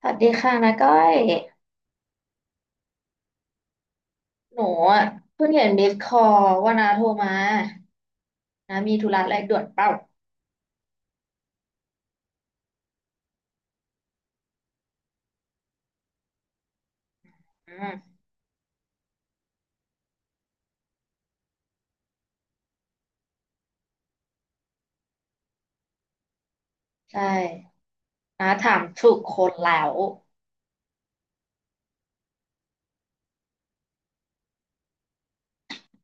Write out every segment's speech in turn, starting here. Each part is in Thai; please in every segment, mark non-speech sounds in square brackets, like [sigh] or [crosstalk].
สวัสดีค่ะนะก้อยหนูอ่ะเพิ่งเห็นมิสคอลว่านาโทรมานะมีธุระอะไรด่วนเปล่าอืมใช่นาถามถูกคนแล้ว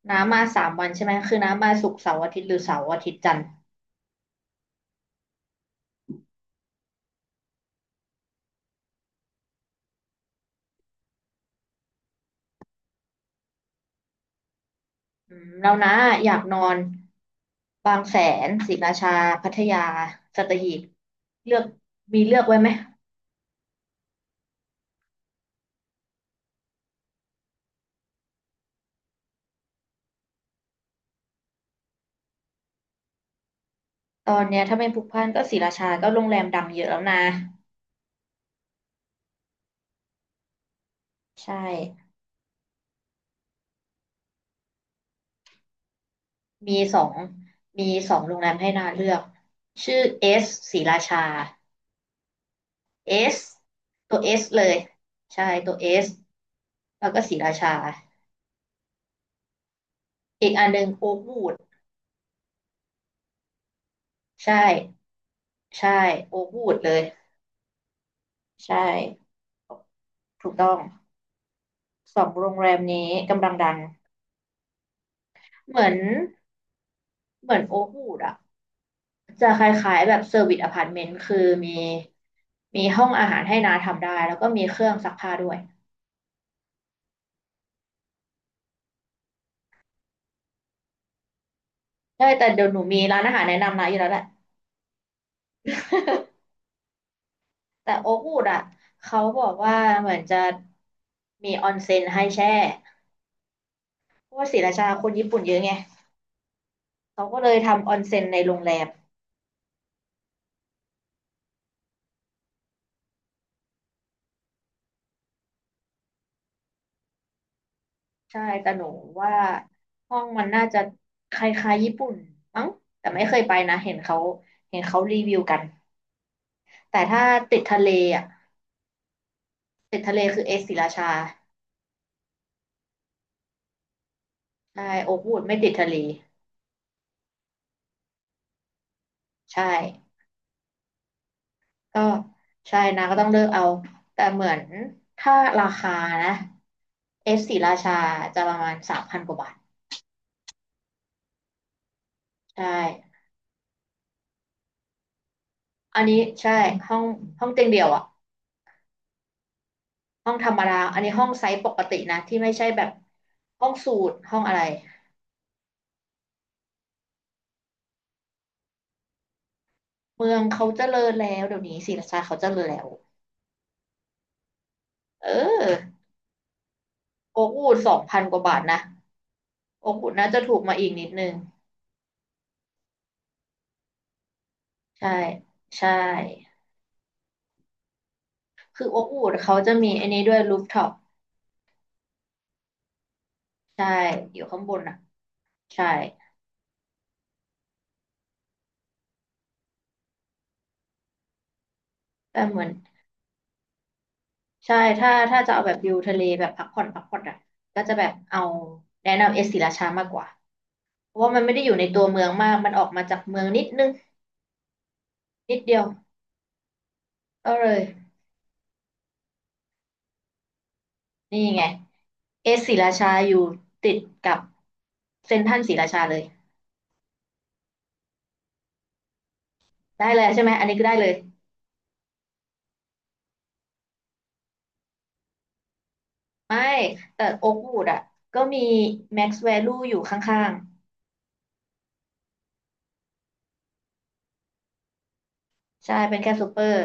น้ามา3 วันใช่ไหมคือน้ามาศุกร์เสาร์อาทิตย์หรือเสาร์อาทิตย์จันทร์อืมแล้วนาอยากนอนบางแสนศรีราชาพัทยาสัตหีบเลือกมีเลือกไว้ไหมตอนเนี้ยถ้าไม่ผูกพันก็ศรีราชาก็โรงแรมดังเยอะแล้วนะใช่ มีสองมีสองโรงแรมให้นาเลือกชื่อเอสศรีราชาเอสตัวเอสเลยใช่ตัวเอสแล้วก็ศรีราชาอีกอันหนึ่งโอ๊กวูดใช่ใช่โอ๊กวูดเลยใช่ถูกต้องสองโรงแรมนี้กำลังดังเหมือนเหมือนโอ๊กวูดอะจะคล้ายๆแบบเซอร์วิสอพาร์ตเมนต์คือมีมีห้องอาหารให้นาทำได้แล้วก็มีเครื่องซักผ้าด้วยใช่แต่เดี๋ยวหนูมีร้านอาหารแนะนำนาอยู่แล้วแหละ แต่โอ๊ควูดอ่ะเขาบอกว่าเหมือนจะมีออนเซ็นให้แช่เพราะว่าศรีราชาคนญี่ปุ่นเยอะไงเขาก็เลยทำออนเซ็นในโรงแรมใช่แต่หนูว่าห้องมันน่าจะคล้ายๆญี่ปุ่นมั้งแต่ไม่เคยไปนะเห็นเขารีวิวกันแต่ถ้าติดทะเลอ่ะติดทะเลคือเอสศรีราชาใช่โอ๊ควูดไม่ติดทะเลใช่ ก็ใช่นะก็ต้องเลือกเอาแต่เหมือนถ้าราคานะเ F สีราชาจะประมาณ3,000 กว่าบาทใช่อันนี้ใช่ห้องห้องเตียงเดี่ยวอ่ะห้องธรรมดาอันนี้ห้องไซส์ปกตินะที่ไม่ใช่แบบห้องสูทห้องอะไรเมืองเขาเจริญแล้วเดี๋ยวนี้ศรีราชาเขาเจริญแล้วเออโอ๊กวูด2,000 กว่าบาทนะโอ๊กวูดน่าจะถูกมาอีกนิดนึงใช่ใช่คือโอ๊กวูดเขาจะมีอันนี้ด้วยรูฟท็อปใช่อยู่ข้างบนอ่ะใช่ แต่เหมือนใช่ถ้าถ้าจะเอาแบบวิวทะเลแบบพักผ่อนพักผ่อนอ่ะก็จะแบบเอาแนะนำเอสศรีราชามากกว่าเพราะว่ามันไม่ได้อยู่ในตัวเมืองมากมันออกมาจากเมืองนิดนึงนิดเดียวก็เลยนี่ไงเอสศรีราชาอยู่ติดกับเซ็นทรัลศรีราชาเลยได้เลยใช่ไหมอันนี้ก็ได้เลยไม่แต่โอ๊กวูดอ่ะก็มี Max Value อยู่ข้างๆใช่เป็นแค่ซูเปอร์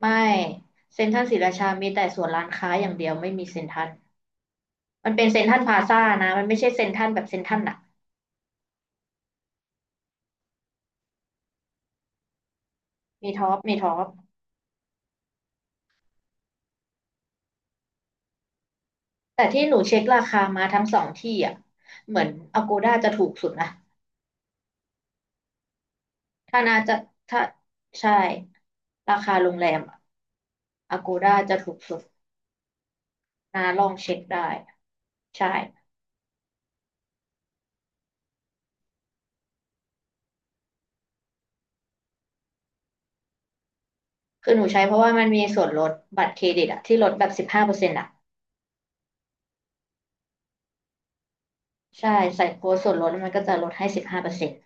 ไม่เซ็นทรัลศรีราชามีแต่สวนร้านค้าอย่างเดียวไม่มีเซ็นทรัล มันเป็นเซ็นทรัลพลาซ่านะมันไม่ใช่เซ็นทรัลแบบเซ็นทรัลอะมีท็อปมีท็อปแต่ที่หนูเช็คราคามาทั้งสองที่อะเหมือนอโกด้าจะถูกสุดนะถ้านาจะถ้าใช่ ราคาโรงแรมอะ Agoda จะถูกสุดนาลองเช็คได้ ใช่ คือหนูใช้เพราะว่ามันมีส่วนลดบัตรเครดิตอะที่ลดแบบสิบห้าเปอร์เซ็นต์อะใช่ ใส่โค้ดส่วนลดแล้วมันก็จะลดให้สิบห้าเปอร์เซ็นต์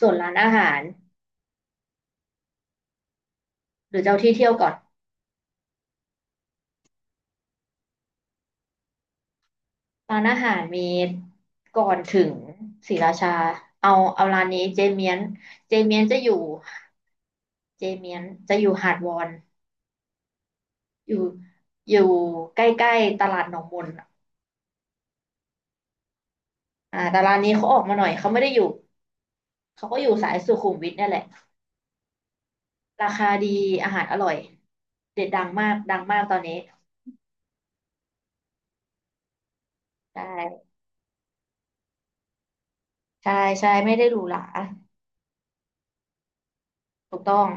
ส่วนร้านอาหารหรือเจ้าที่เที่ยวก่อน ร้านอาหารมีก่อนถึงศรีราชาเอาร้านนี้เจเมียนเจเมียนจะอยู่เจเมียนจะอยู่หาดวอนอยู่อยู่ใกล้ๆตลาดหนองมนอะแต่ร้านนี้เขาออกมาหน่อยเขาไม่ได้อยู่เขาก็อยู่สายสุขุมวิทเนี่ยแหละราคาดีอาหารอร่อยเด็ดดังมากดังมากตอนนี้ใช่ใช่ใช่ไม่ได้หรูหราถูกต้อง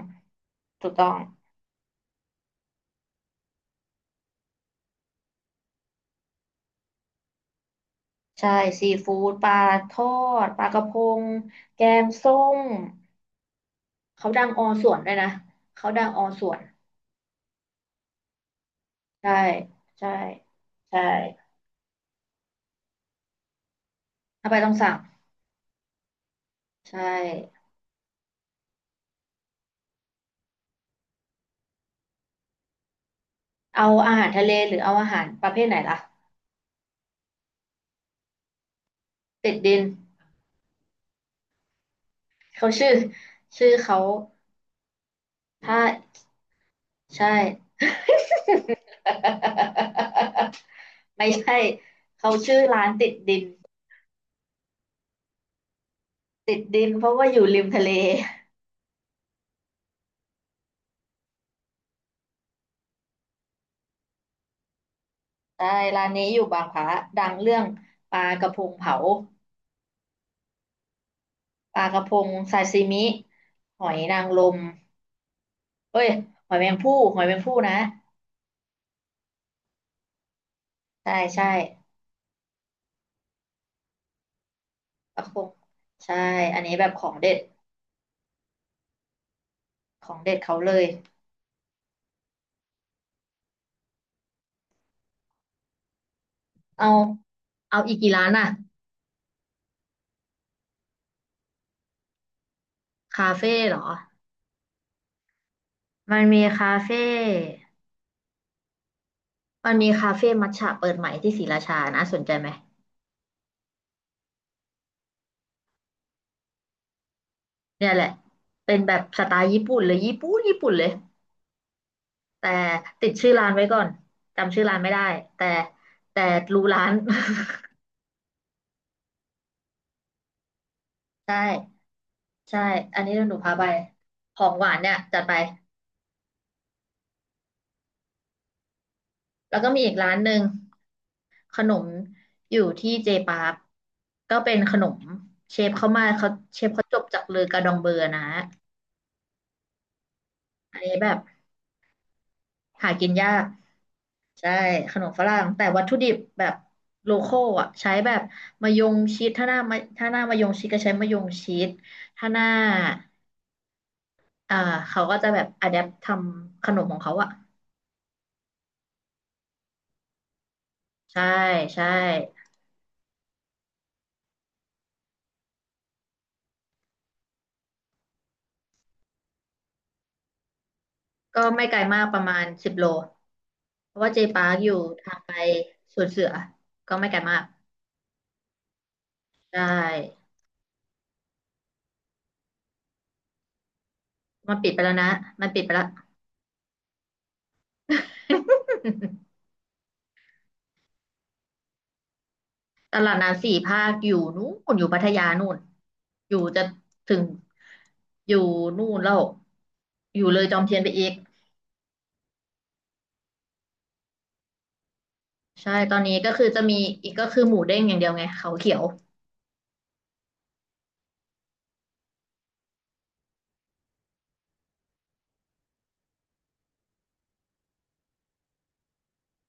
ถูกต้องใช่ซีฟู้ดปลาทอดปลากระพงแกงส้ม เขาดังอส่วนด้วยนะเขาดังออส่วนใช่ใช่ใช่ถ้าไปต้องสั่ง ใช่ เอาอาหารทะเลหรือเอาอาหารประเภทไหนล่ะ ติดดิน เขาชื่อ ชื่อเขาถ้าใช่ [laughs] ไม่ใช่เขาชื่อร้านติดดิน ติดดินเพราะว่าอยู่ริมทะเลใช่ร้านนี้อยู่บางพระดังเรื่องปลากระพงเผาปลากระพงซาซิมิหอยนางรม เอ้ยหอยแมงภู่หอยแมงภู่นะใช่ใช่ปลาโคงใช่อันนี้แบบของเด็ดของเด็ดเขาเลยเอาเอาอีกกี่ร้านอะคาเฟ่เหรอมันมีคาเฟ่มัทฉะเปิดใหม่ที่ศรีราชานะสนใจไหมเนี่ยแหละเป็นแบบสไตล์ญี่ปุ่นเลยญี่ปุ่นญี่ปุ่นเลยแต่ติดชื่อร้านไว้ก่อนจำชื่อร้านไม่ได้แต่แต่รู้ร้าน [laughs] ใช่ใช่อันนี้เดี๋ยวหนูพาไปของหวานเนี่ยจัดไปแล้วก็มีอีกร้านหนึ่ง ขนมอยู่ที่เจปาร์คก็เป็นขนมเชฟเขามาเชฟเขาจบจากเลอกาดองเบอร์นะอันนี้แบบหากินยากใช่ขนมฝรั่งแต่วัตถุดิบแบบโลคอลอ่ะใช้แบบมะยงชิดถ้าหน้ามะยงชิดก็ใช้มะยงชิดถ้าหน้าอ่าเขาก็จะแบบอะแดปทำขนมของเขาอ่ะใช่ใช่ก็ไม่ไกลมากประมาณ10 โลเพราะว่าเจปาร์คอยู่ทางไปสวนเสือก็ไม่ไกลมาก ใช่มันปิดไปแล้วนะมันปิดไปแล้ว [laughs] ตลาดน้ำสี่ภาคอยู่นู่นอยู่พัทยานู่นอยู่จะถึงอยู่นู่นแล้วอยู่เลยจอมเทียนไปอีกใช่ตอนนี้ก็คือจะมีอีกก็คือหมูเด้งอย่างเดียวไงเขาเขียว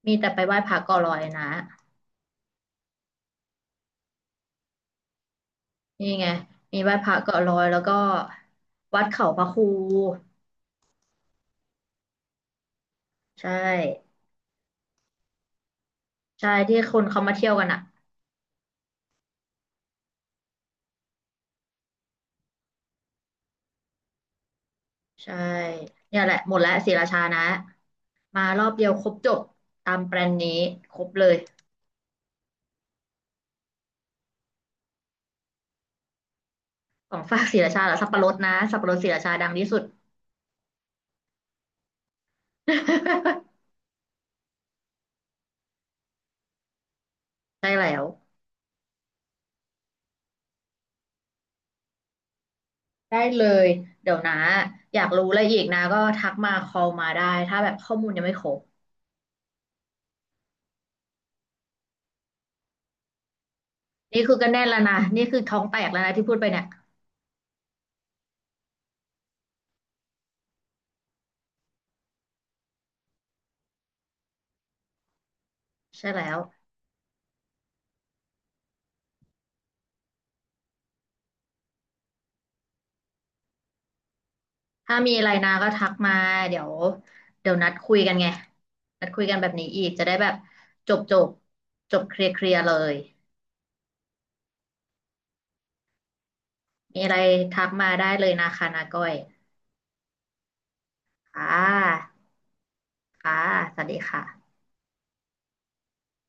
มีแต่ไปไหว้พระเกาะลอยนะนี่ไงมีไหว้พระเกาะลอยแล้วก็วัดเขาพระครูใช่ใช่ที่คนเขามาเที่ยวกันอ่ะ ใช่เนี่ยแหละหมดแล้วศรีราชานะมารอบเดียวครบจบตามแบรนด์นี้ครบเลยของฝากศรีราชาเหรอสับปะรดนะสับปะรดศรีราชาดังที่สุด [laughs] ได้แล้วได้เลยเดี๋ยวนะอยากรู้อะไรอีกนะก็ทักมาคอลมาได้ถ้าแบบข้อมูลยังไม่ครบนี่คือก็แน่นแล้วนะนี่คือท้องแตกแล้วนะที่พูดไปเนี่ยใช่แล้วถ้ามีอะไรนะก็ทักมาเดี๋ยวเดี๋ยวนัดคุยกันไงนัดคุยกันแบบนี้อีกจะได้แบบจบจบจบเคลียร์เคลียร์เลย มีอะไรทักมาได้เลยนะคะนาก้อยค่ะค่ะ สวัสดีค่ะ